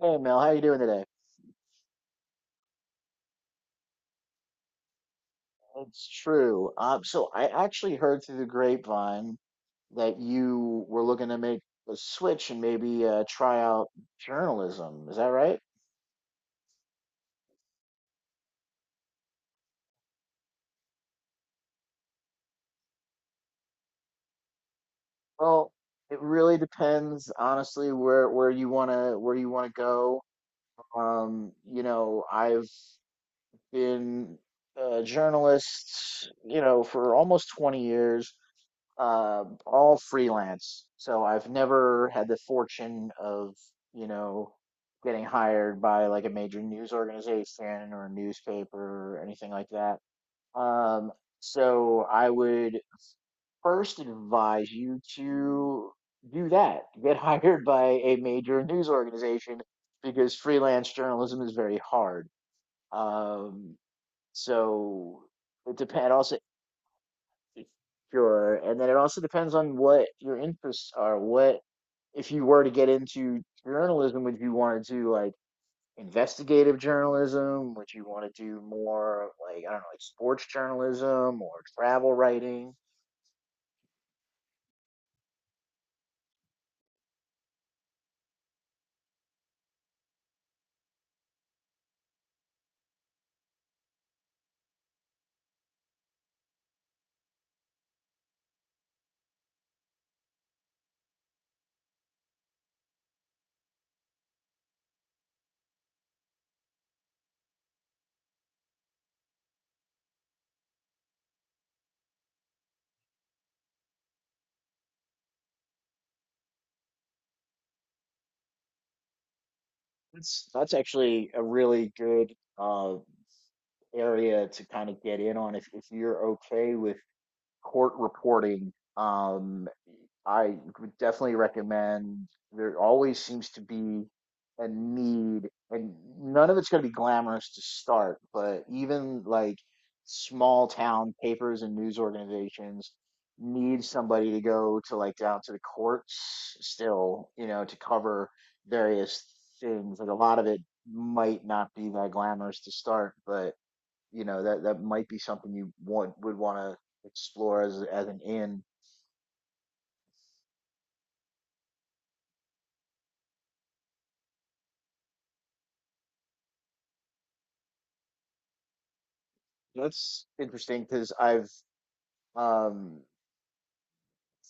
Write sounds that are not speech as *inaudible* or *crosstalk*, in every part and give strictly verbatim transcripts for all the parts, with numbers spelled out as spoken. Hey Mel, how you doing today? It's true. Um, so I actually heard through the grapevine that you were looking to make a switch and maybe uh, try out journalism. Is that right? Well, it really depends, honestly, where where you wanna where you wanna go. Um, you know, I've been a journalist, you know, for almost twenty years. Uh, all freelance. So I've never had the fortune of, you know, getting hired by like a major news organization or a newspaper or anything like that. Um, so I would first advise you to do that. Get *laughs* hired by a major news organization because freelance journalism is very hard. Um, so it depends. Also, sure. And then it also depends on what your interests are. What, if you were to get into journalism, would you want to do like investigative journalism? Would you want to do more like, I don't know, like sports journalism or travel writing? That's that's actually a really good uh area to kind of get in on if if you're okay with court reporting. um, I would definitely recommend. There always seems to be a need, and none of it's going to be glamorous to start, but even like small town papers and news organizations need somebody to go to like down to the courts still, you know, to cover various things. Like a lot of it might not be that glamorous to start, but you know that that might be something you want would want to explore as as an in. That's interesting because I've um,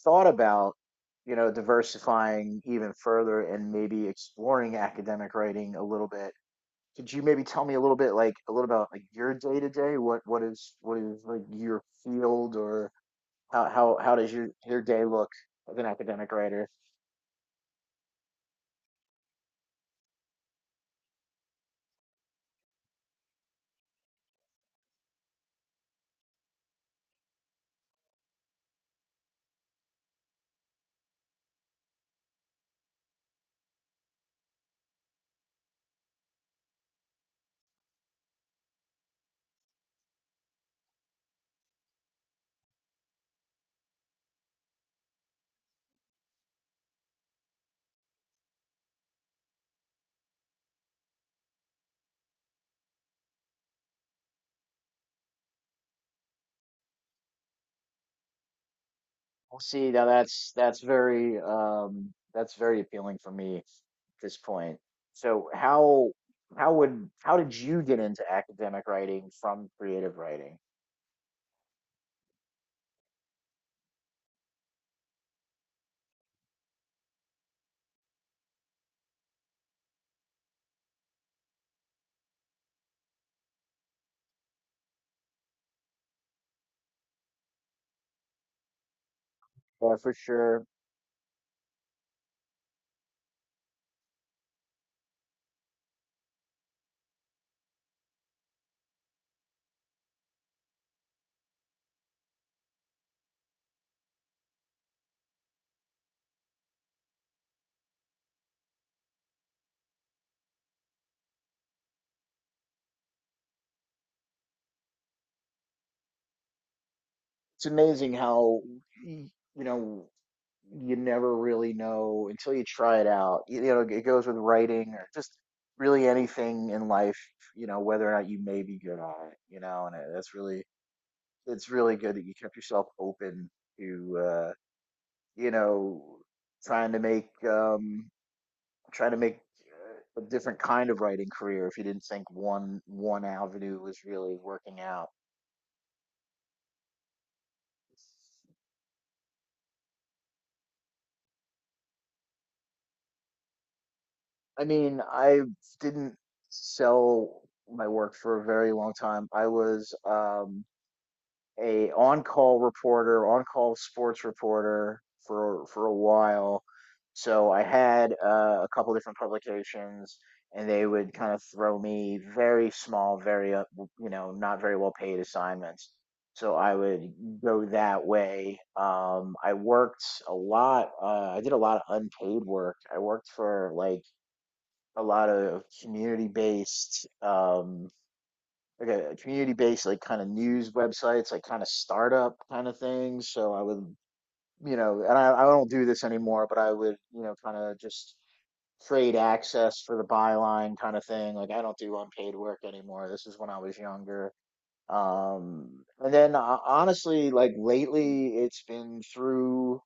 thought about you know diversifying even further and maybe exploring academic writing a little bit. Could you maybe tell me a little bit like a little about like your day to day? What what is what is like your field or how how how does your your day look as an academic writer? Well, see, now that's that's very um that's very appealing for me at this point. So how how would how did you get into academic writing from creative writing? Yeah, for sure. It's amazing how y- you know you never really know until you try it out. You, you know, it goes with writing or just really anything in life, you know, whether or not you may be good at it, you know, and uh, that's really it's really good that you kept yourself open to uh you know, trying to make um, trying to make uh, a different kind of writing career if you didn't think one one avenue was really working out. I mean, I didn't sell my work for a very long time. I was um, a on-call reporter, on-call sports reporter for for a while. So I had uh, a couple different publications, and they would kind of throw me very small, very uh, you know, not very well paid assignments. So I would go that way. Um, I worked a lot. Uh, I did a lot of unpaid work. I worked for like a lot of community-based um, like a, community-based like kind of news websites, like kind of startup kind of things. So I would, you know, and I, I don't do this anymore, but I would, you know, kind of just trade access for the byline kind of thing. Like I don't do unpaid work anymore. This is when I was younger. Um, and then uh, Honestly, like lately, it's been through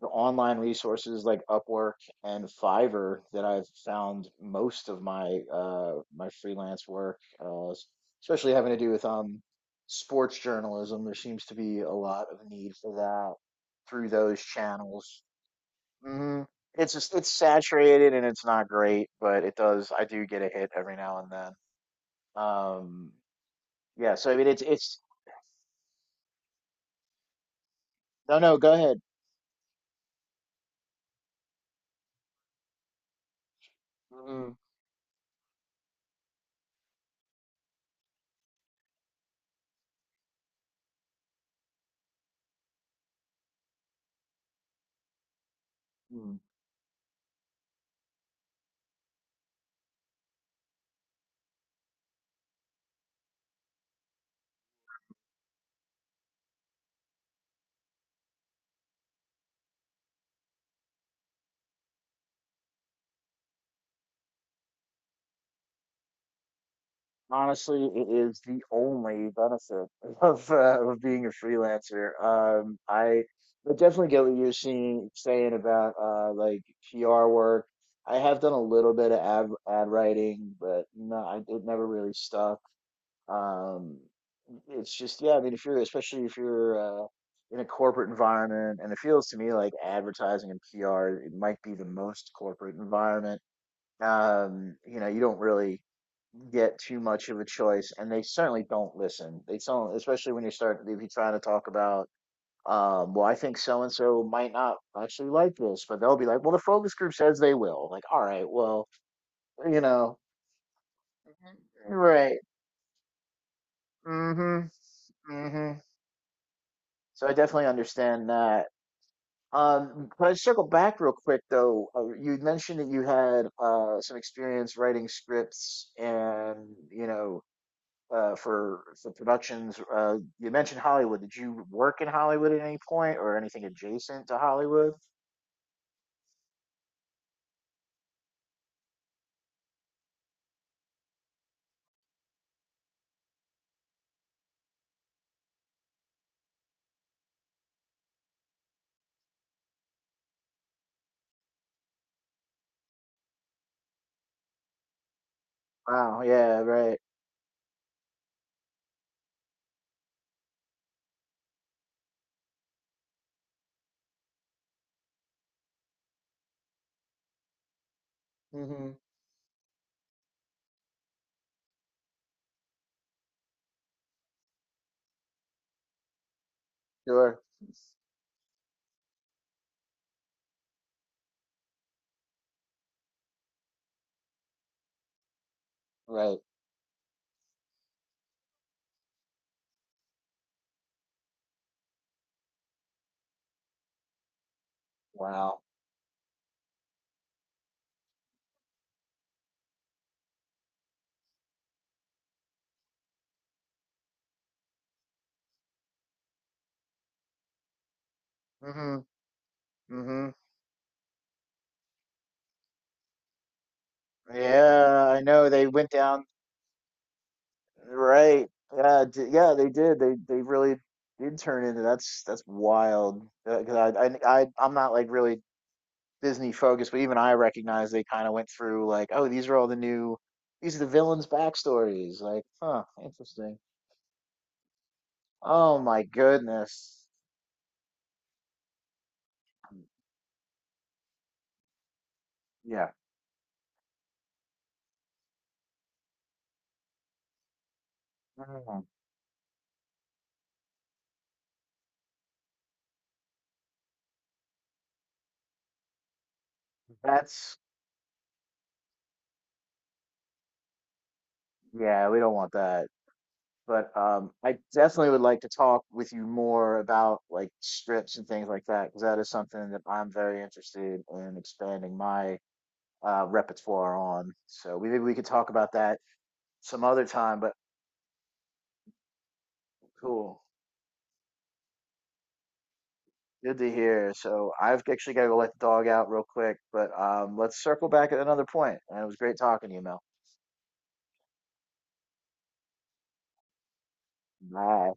the online resources like Upwork and Fiverr that I've found most of my uh, my freelance work, uh, especially having to do with um, sports journalism. There seems to be a lot of need for that through those channels. Hmm. It's just it's saturated and it's not great, but it does. I do get a hit every now and then. Um, yeah, so I mean, it's it's no, no. Go ahead. Mhm. Honestly, it is the only benefit *laughs* of uh, of being a freelancer. Um, I But definitely get what you're seeing saying about uh like P R work. I have done a little bit of ad ad writing, but no, I, it never really stuck. Um, it's just yeah, I mean, if you're especially if you're uh, in a corporate environment, and it feels to me like advertising and P R, it might be the most corporate environment um, you know, you don't really get too much of a choice, and they certainly don't listen. They don't, especially when you start if you trying to talk about, um, well, I think so and so might not actually like this, but they'll be like, well, the focus group says they will. Like, all right, well, you know, right, mm-hmm, mm-hmm. So I definitely understand that. Um, can I circle back real quick though? Uh, you mentioned that you had uh, some experience writing scripts and you know uh, for for productions. Uh, you mentioned Hollywood. Did you work in Hollywood at any point or anything adjacent to Hollywood? Wow. Yeah. Right. Mm-hmm. Sure. Right. Wow. Mm-hmm. Mm-hmm. Yeah. I know they went down. Right. Yeah. D Yeah. They did. They they really did turn into. That's that's wild. Uh, 'cause I, I I I'm not like really Disney focused, but even I recognize they kind of went through like, oh, these are all the new, these are the villains' backstories. Like, huh, interesting. Oh my goodness. Yeah. Mm. That's, yeah, we don't want that. But um, I definitely would like to talk with you more about like strips and things like that, because that is something that I'm very interested in expanding my uh, repertoire on. So we, maybe we could talk about that some other time, but cool. Good to hear. So I've actually got to go let the dog out real quick, but um, let's circle back at another point. And it was great talking to you, Mel. Bye.